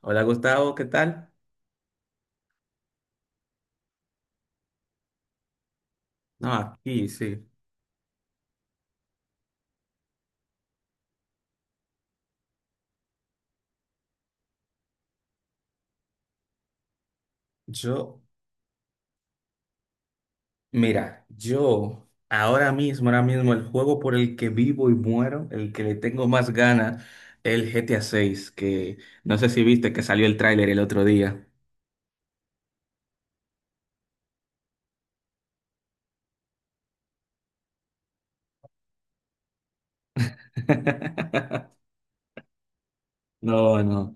Hola Gustavo, ¿qué tal? No, aquí sí. Yo, mira, yo ahora mismo el juego por el que vivo y muero, el que le tengo más ganas, el GTA 6, que no sé si viste que salió el tráiler el otro día. No, no.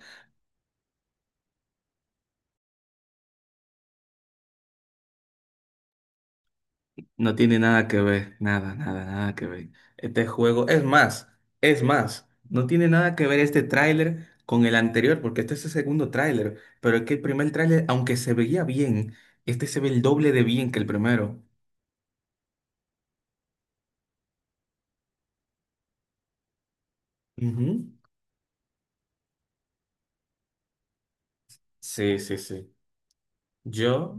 No tiene nada que ver, nada, nada, nada que ver. Este juego, es más, no tiene nada que ver este tráiler con el anterior, porque este es el segundo tráiler, pero es que el primer tráiler, aunque se veía bien, este se ve el doble de bien que el primero. Ujú. Sí, sí, sí. Yo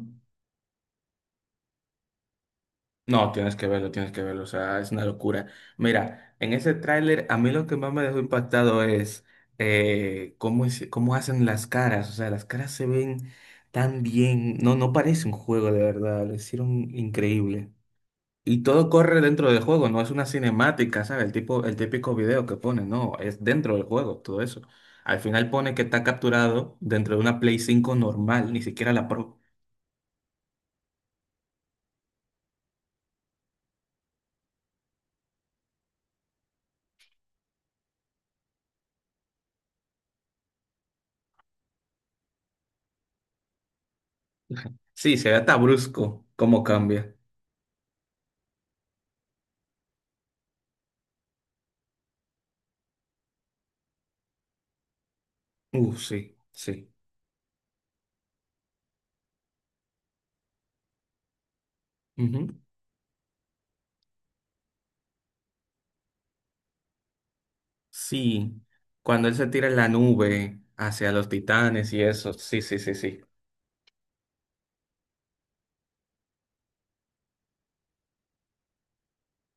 No, tienes que verlo, o sea, es una locura. Mira, en ese tráiler a mí lo que más me dejó impactado es cómo hacen las caras, o sea, las caras se ven tan bien, no, no parece un juego de verdad, lo hicieron increíble. Y todo corre dentro del juego, no es una cinemática, ¿sabes? El típico video que pone, no, es dentro del juego, todo eso. Al final pone que está capturado dentro de una Play 5 normal, ni siquiera la Pro. Sí, se ve hasta brusco cómo cambia. Sí, sí. Ujú. Sí, cuando él se tira en la nube hacia los titanes y eso, sí, sí, sí, sí,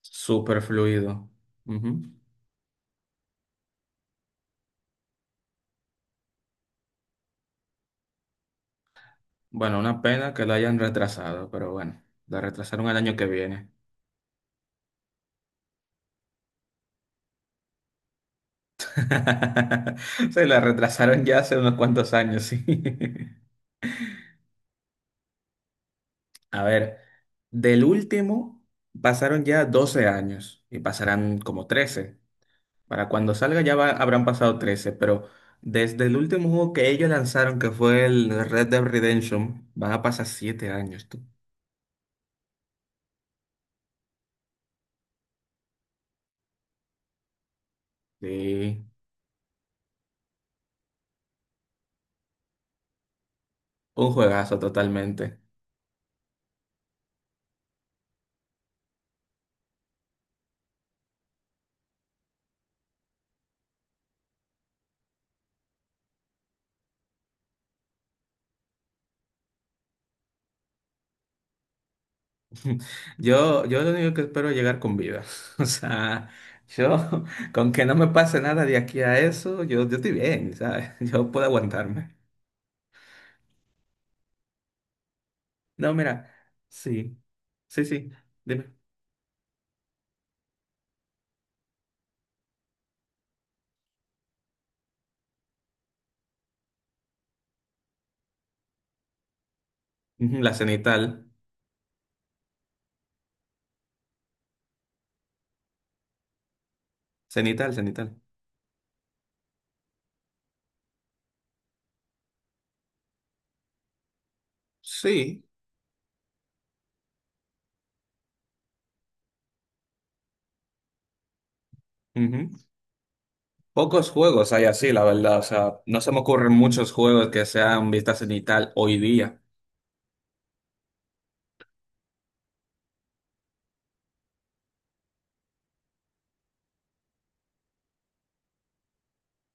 súper fluido. Ujú. Bueno, una pena que lo hayan retrasado, pero bueno, la retrasaron el año que viene. Se la retrasaron ya hace unos cuantos años, sí. A ver, del último pasaron ya 12 años y pasarán como 13. Para cuando salga habrán pasado 13, pero desde el último juego que ellos lanzaron, que fue el Red Dead Redemption, van a pasar 7 años, tú. Sí, un juegazo totalmente. Yo lo único que espero es llegar con vida. O sea, yo, con que no me pase nada de aquí a eso, yo estoy bien, ¿sabes? Yo puedo aguantarme. No, mira, sí, sí, sí, dime. Ujú, la cenital, cenital, cenital. Sí. Pocos juegos hay así, la verdad. O sea, no se me ocurren muchos juegos que sean vista cenital hoy día.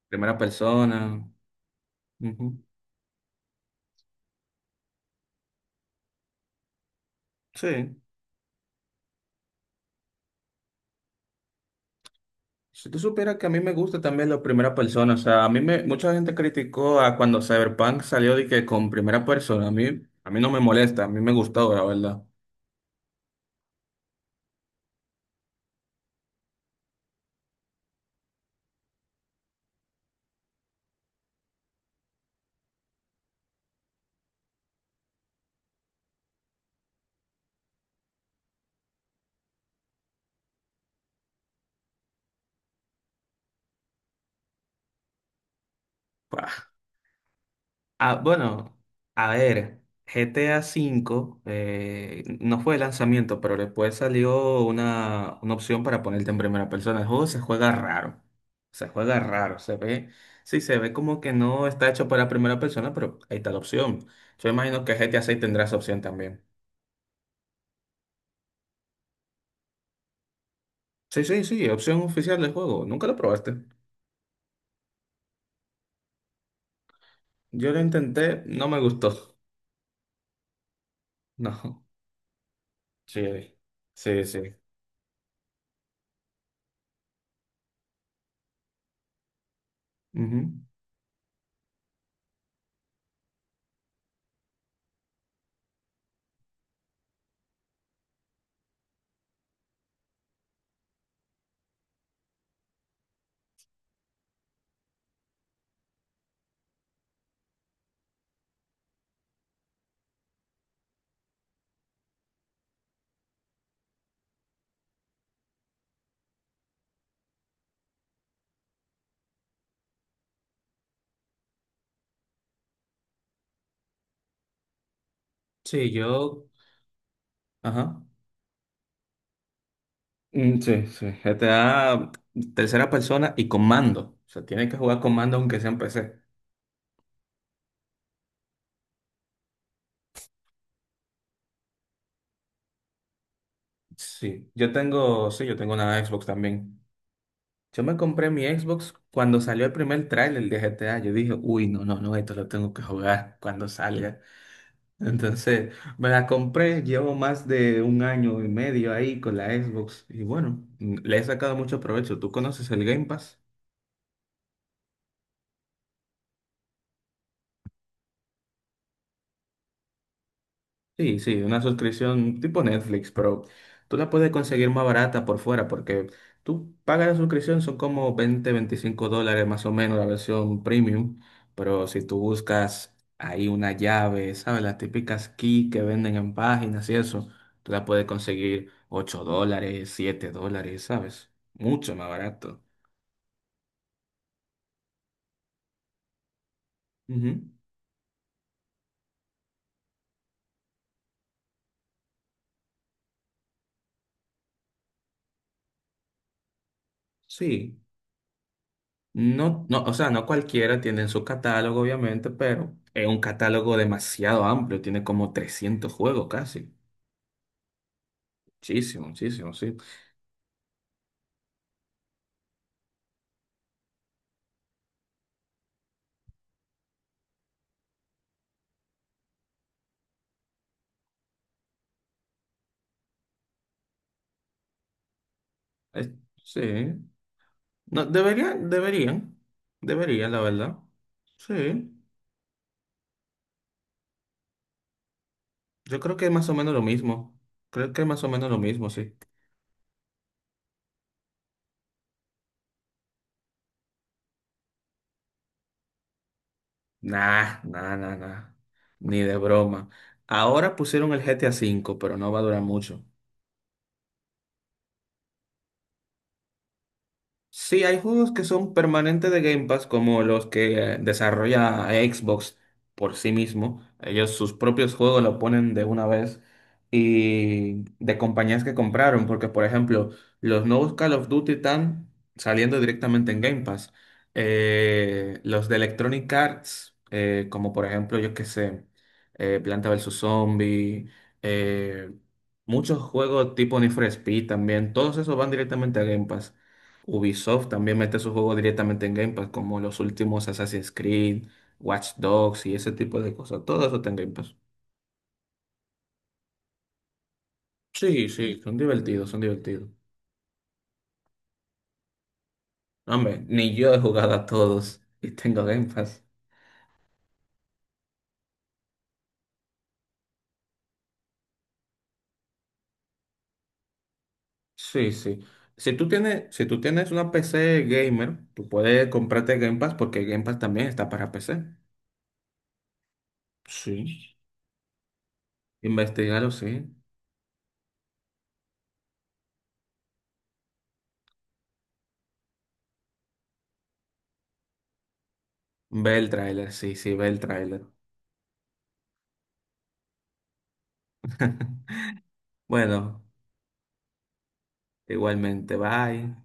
Primera persona. Ujú. Sí. Si tú supieras que a mí me gusta también la primera persona, o sea, mucha gente criticó a cuando Cyberpunk salió de que con primera persona, a mí no me molesta, a mí me gustó, la verdad. Ah, bueno, a ver, GTA V no fue de lanzamiento, pero después salió una opción para ponerte en primera persona. El juego se juega raro, se juega raro, se ve, sí, se ve como que no está hecho para primera persona, pero ahí está la opción. Yo imagino que GTA 6 tendrá esa opción también. Sí, sí, sí, opción oficial del juego. Nunca lo probaste. Yo lo intenté, no me gustó. No, sí, sí, sí. Ujú. Sí, yo, ajá. Mm, sí, sí, GTA tercera persona y con mando. O sea, tienes que jugar con mando aunque sea en PC. Sí, yo tengo una Xbox también. Yo me compré mi Xbox cuando salió el primer tráiler de GTA. Yo dije, uy, no, no, no, esto lo tengo que jugar cuando salga. Entonces, me la compré, llevo más de un año y medio ahí con la Xbox. Y bueno, le he sacado mucho provecho. ¿Tú conoces el Game Pass? Sí, sí, una suscripción tipo Netflix, pero tú la puedes conseguir más barata por fuera porque tú pagas la suscripción, son como 20, $25 más o menos la versión premium, pero si tú buscas ahí una llave, ¿sabes? Las típicas key que venden en páginas y eso, tú la puedes conseguir $8, $7, ¿sabes? Mucho más barato. Ujú. Sí. No, no, o sea, no cualquiera tiene en su catálogo, obviamente, pero es un catálogo demasiado amplio, tiene como 300 juegos casi. Muchísimo, muchísimo, sí. Es- sí. No, deberían, deberían, deberían, la verdad. Sí. Yo creo que es más o menos lo mismo. Creo que es más o menos lo mismo, sí. Nah, nah, nah, nah. Ni de broma. Ahora pusieron el GTA 5 pero no va a durar mucho. Sí, hay juegos que son permanentes de Game Pass, como los que desarrolla Xbox por sí mismo. Ellos sus propios juegos lo ponen de una vez y de compañías que compraron, porque por ejemplo, los nuevos Call of Duty están saliendo directamente en Game Pass. Los de Electronic Arts, como por ejemplo, yo qué sé, Planta vs. Zombie, eh, muchos juegos tipo Need for Speed también, todos esos van directamente a Game Pass. Ubisoft también mete sus juegos directamente en Game Pass, como los últimos Assassin's Creed, Watch Dogs y ese tipo de cosas. Todo eso está en Game Pass. Sí, sí, son divertidos, son divertidos. Hombre, ni yo he jugado a todos y tengo Game Pass. Sí, sí. Si tú tienes, si tú tienes una PC gamer, tú puedes comprarte Game Pass porque Game Pass también está para PC. Sí. Investígalo, sí. Ve el tráiler, sí, sí, ve el tráiler. Bueno, igualmente, bye.